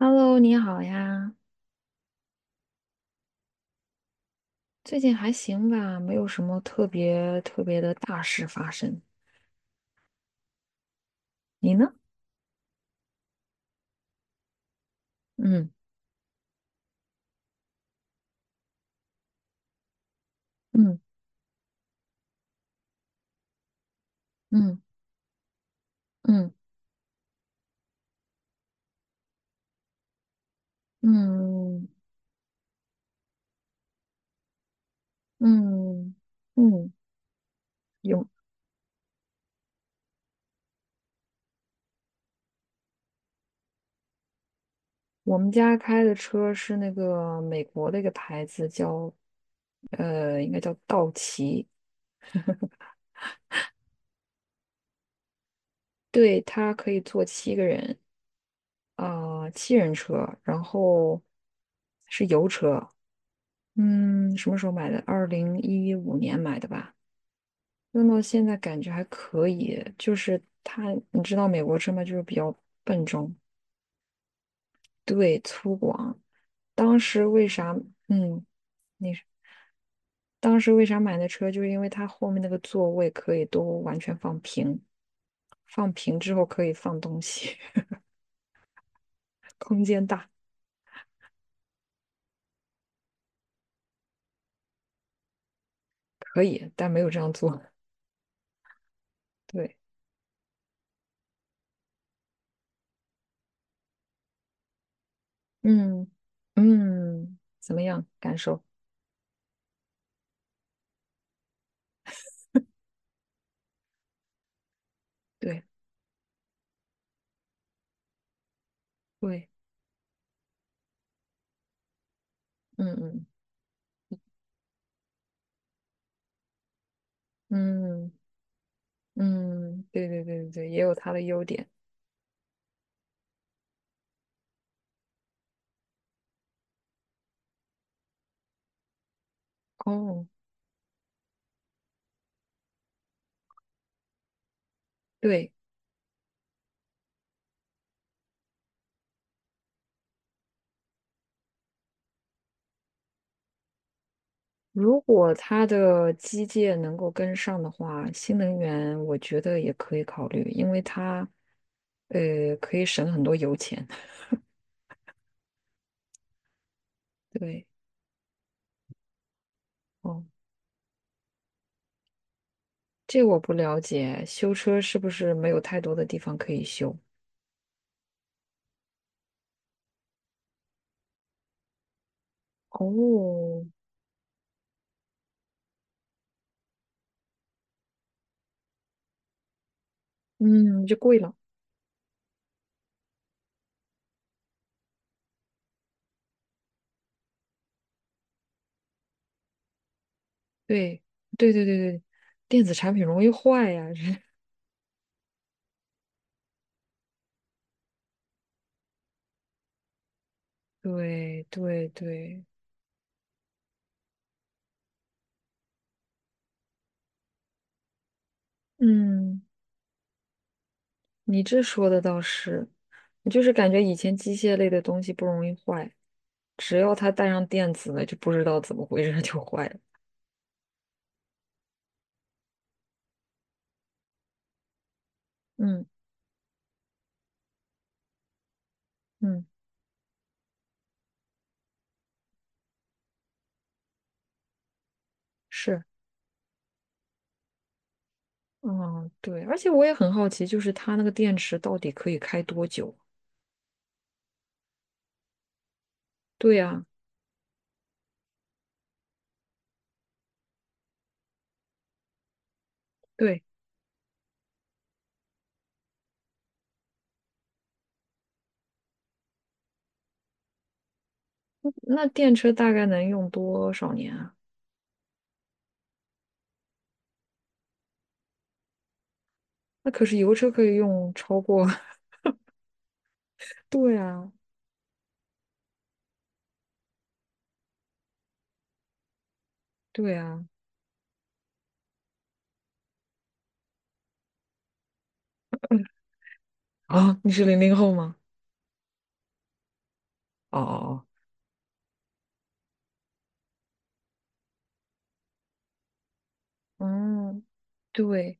Hello，你好呀，最近还行吧，没有什么特别特别的大事发生。你呢？嗯嗯嗯嗯嗯嗯嗯，有。我们家开的车是那个美国的一个牌子，叫应该叫道奇。对，它可以坐7个人，啊、七人车，然后是油车。嗯，什么时候买的？2015年买的吧。用到现在感觉还可以，就是它，你知道美国车吗？就是比较笨重，对，粗犷。当时为啥，嗯，你是当时为啥买那车？就是因为它后面那个座位可以都完全放平，放平之后可以放东西，空间大，可以，但没有这样做。对，嗯嗯，怎么样？感受？对对，嗯嗯嗯嗯，对对对对对，也有它的优点。哦，对，如果它的机械能够跟上的话，新能源我觉得也可以考虑，因为它，可以省很多油钱。对，哦，这我不了解，修车是不是没有太多的地方可以修？哦，嗯，就贵了。对，对对对对，电子产品容易坏呀。对对对，嗯，你这说的倒是，我就是感觉以前机械类的东西不容易坏，只要它带上电子的，就不知道怎么回事它就坏了。嗯嗯，是，嗯对，而且我也很好奇，就是它那个电池到底可以开多久？对呀，对，那电车大概能用多少年啊？那可是油车可以用超过，对啊，对啊，啊，你是零零后吗？哦哦哦，嗯，对，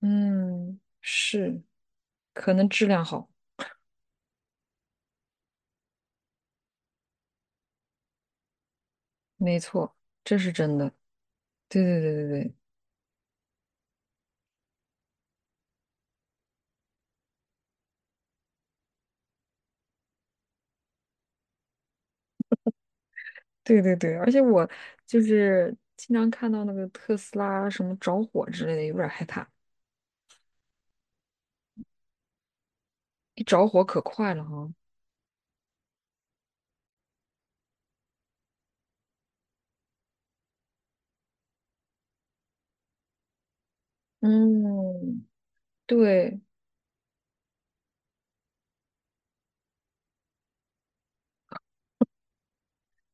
嗯，是，可能质量好，没错，这是真的，对对对对对。对对对，而且我就是经常看到那个特斯拉什么着火之类的，有点儿害怕。一着火可快了哈。嗯，对，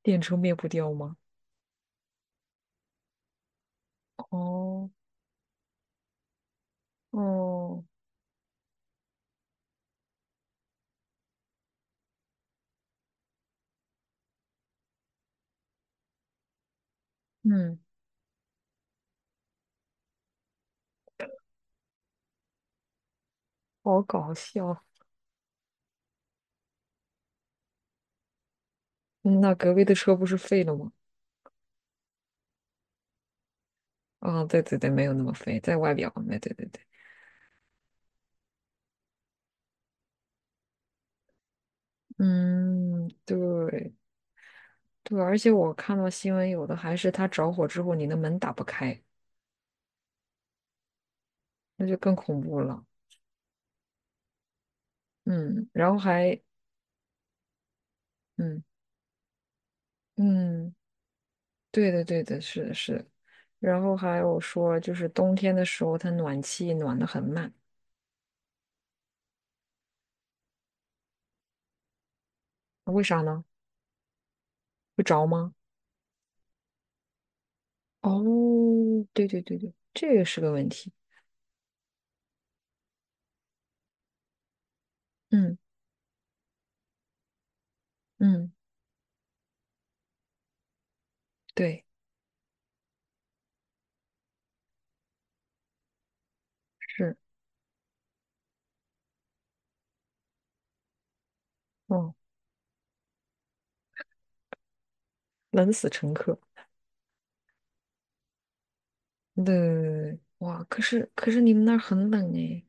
电车灭不掉吗？哦哦，嗯，好搞笑。嗯那隔壁的车不是废了吗？啊、对对对，没有那么废，在外表。对对对对，嗯，对对，而且我看到新闻，有的还是它着火之后，你的门打不开，那就更恐怖了。嗯，然后还嗯嗯。对的，对的，是的，是的。然后还有说，就是冬天的时候，它暖气暖得很慢，为啥呢？会着吗？哦，对对对对，这个是个问题。嗯嗯，对，是，哦，冷死乘客。对，哇，可是你们那儿很冷诶。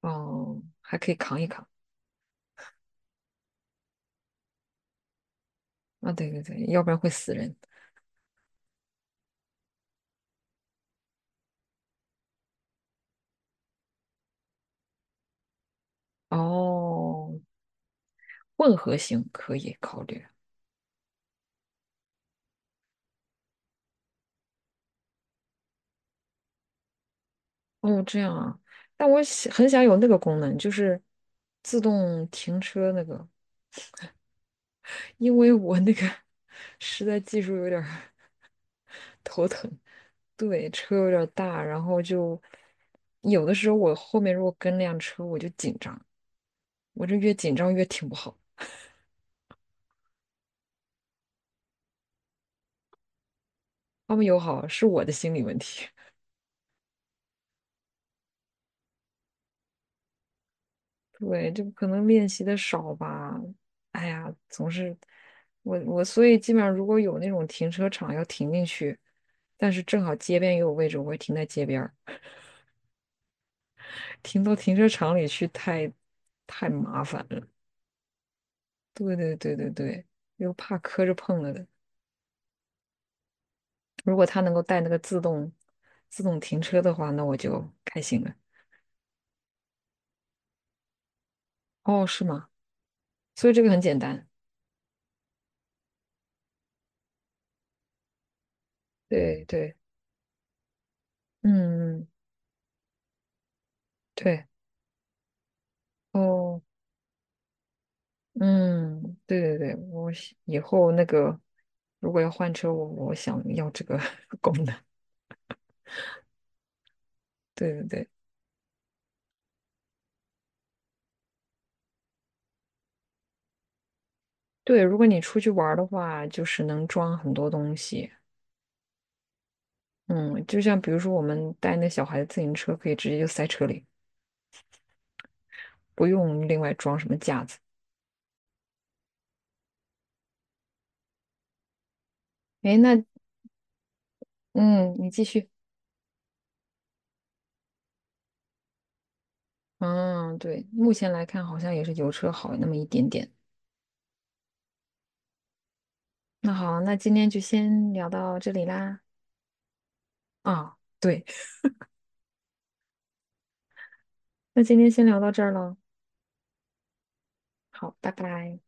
哦，还可以扛一扛啊，对对对，要不然会死人。哦，混合型可以考虑。哦，这样啊，但我想很想有那个功能，就是自动停车那个，因为我那个 实在技术有点儿 头疼，对，车有点儿大，然后就有的时候我后面如果跟辆车，我就紧张，我这越紧张越停不好，他们友好是我的心理问题。对，这可能练习的少吧。哎呀，总是所以基本上如果有那种停车场要停进去，但是正好街边也有位置，我会停在街边儿，停到停车场里去太麻烦了。对对对对对，又怕磕着碰了的。如果它能够带那个自动停车的话，那我就开心了。哦，是吗？所以这个很简单。对对，嗯嗯，对哦。嗯，对对对，我是以后那个如果要换车，我想要这个 功能。对对对对，如果你出去玩儿的话，就是能装很多东西。嗯，就像比如说我们带那小孩的自行车，可以直接就塞车里，不用另外装什么架子。诶，那嗯，你继续。嗯，对，目前来看好像也是油车好那么一点点。那好，那今天就先聊到这里啦。啊，对，那今天先聊到这儿了。好，拜拜。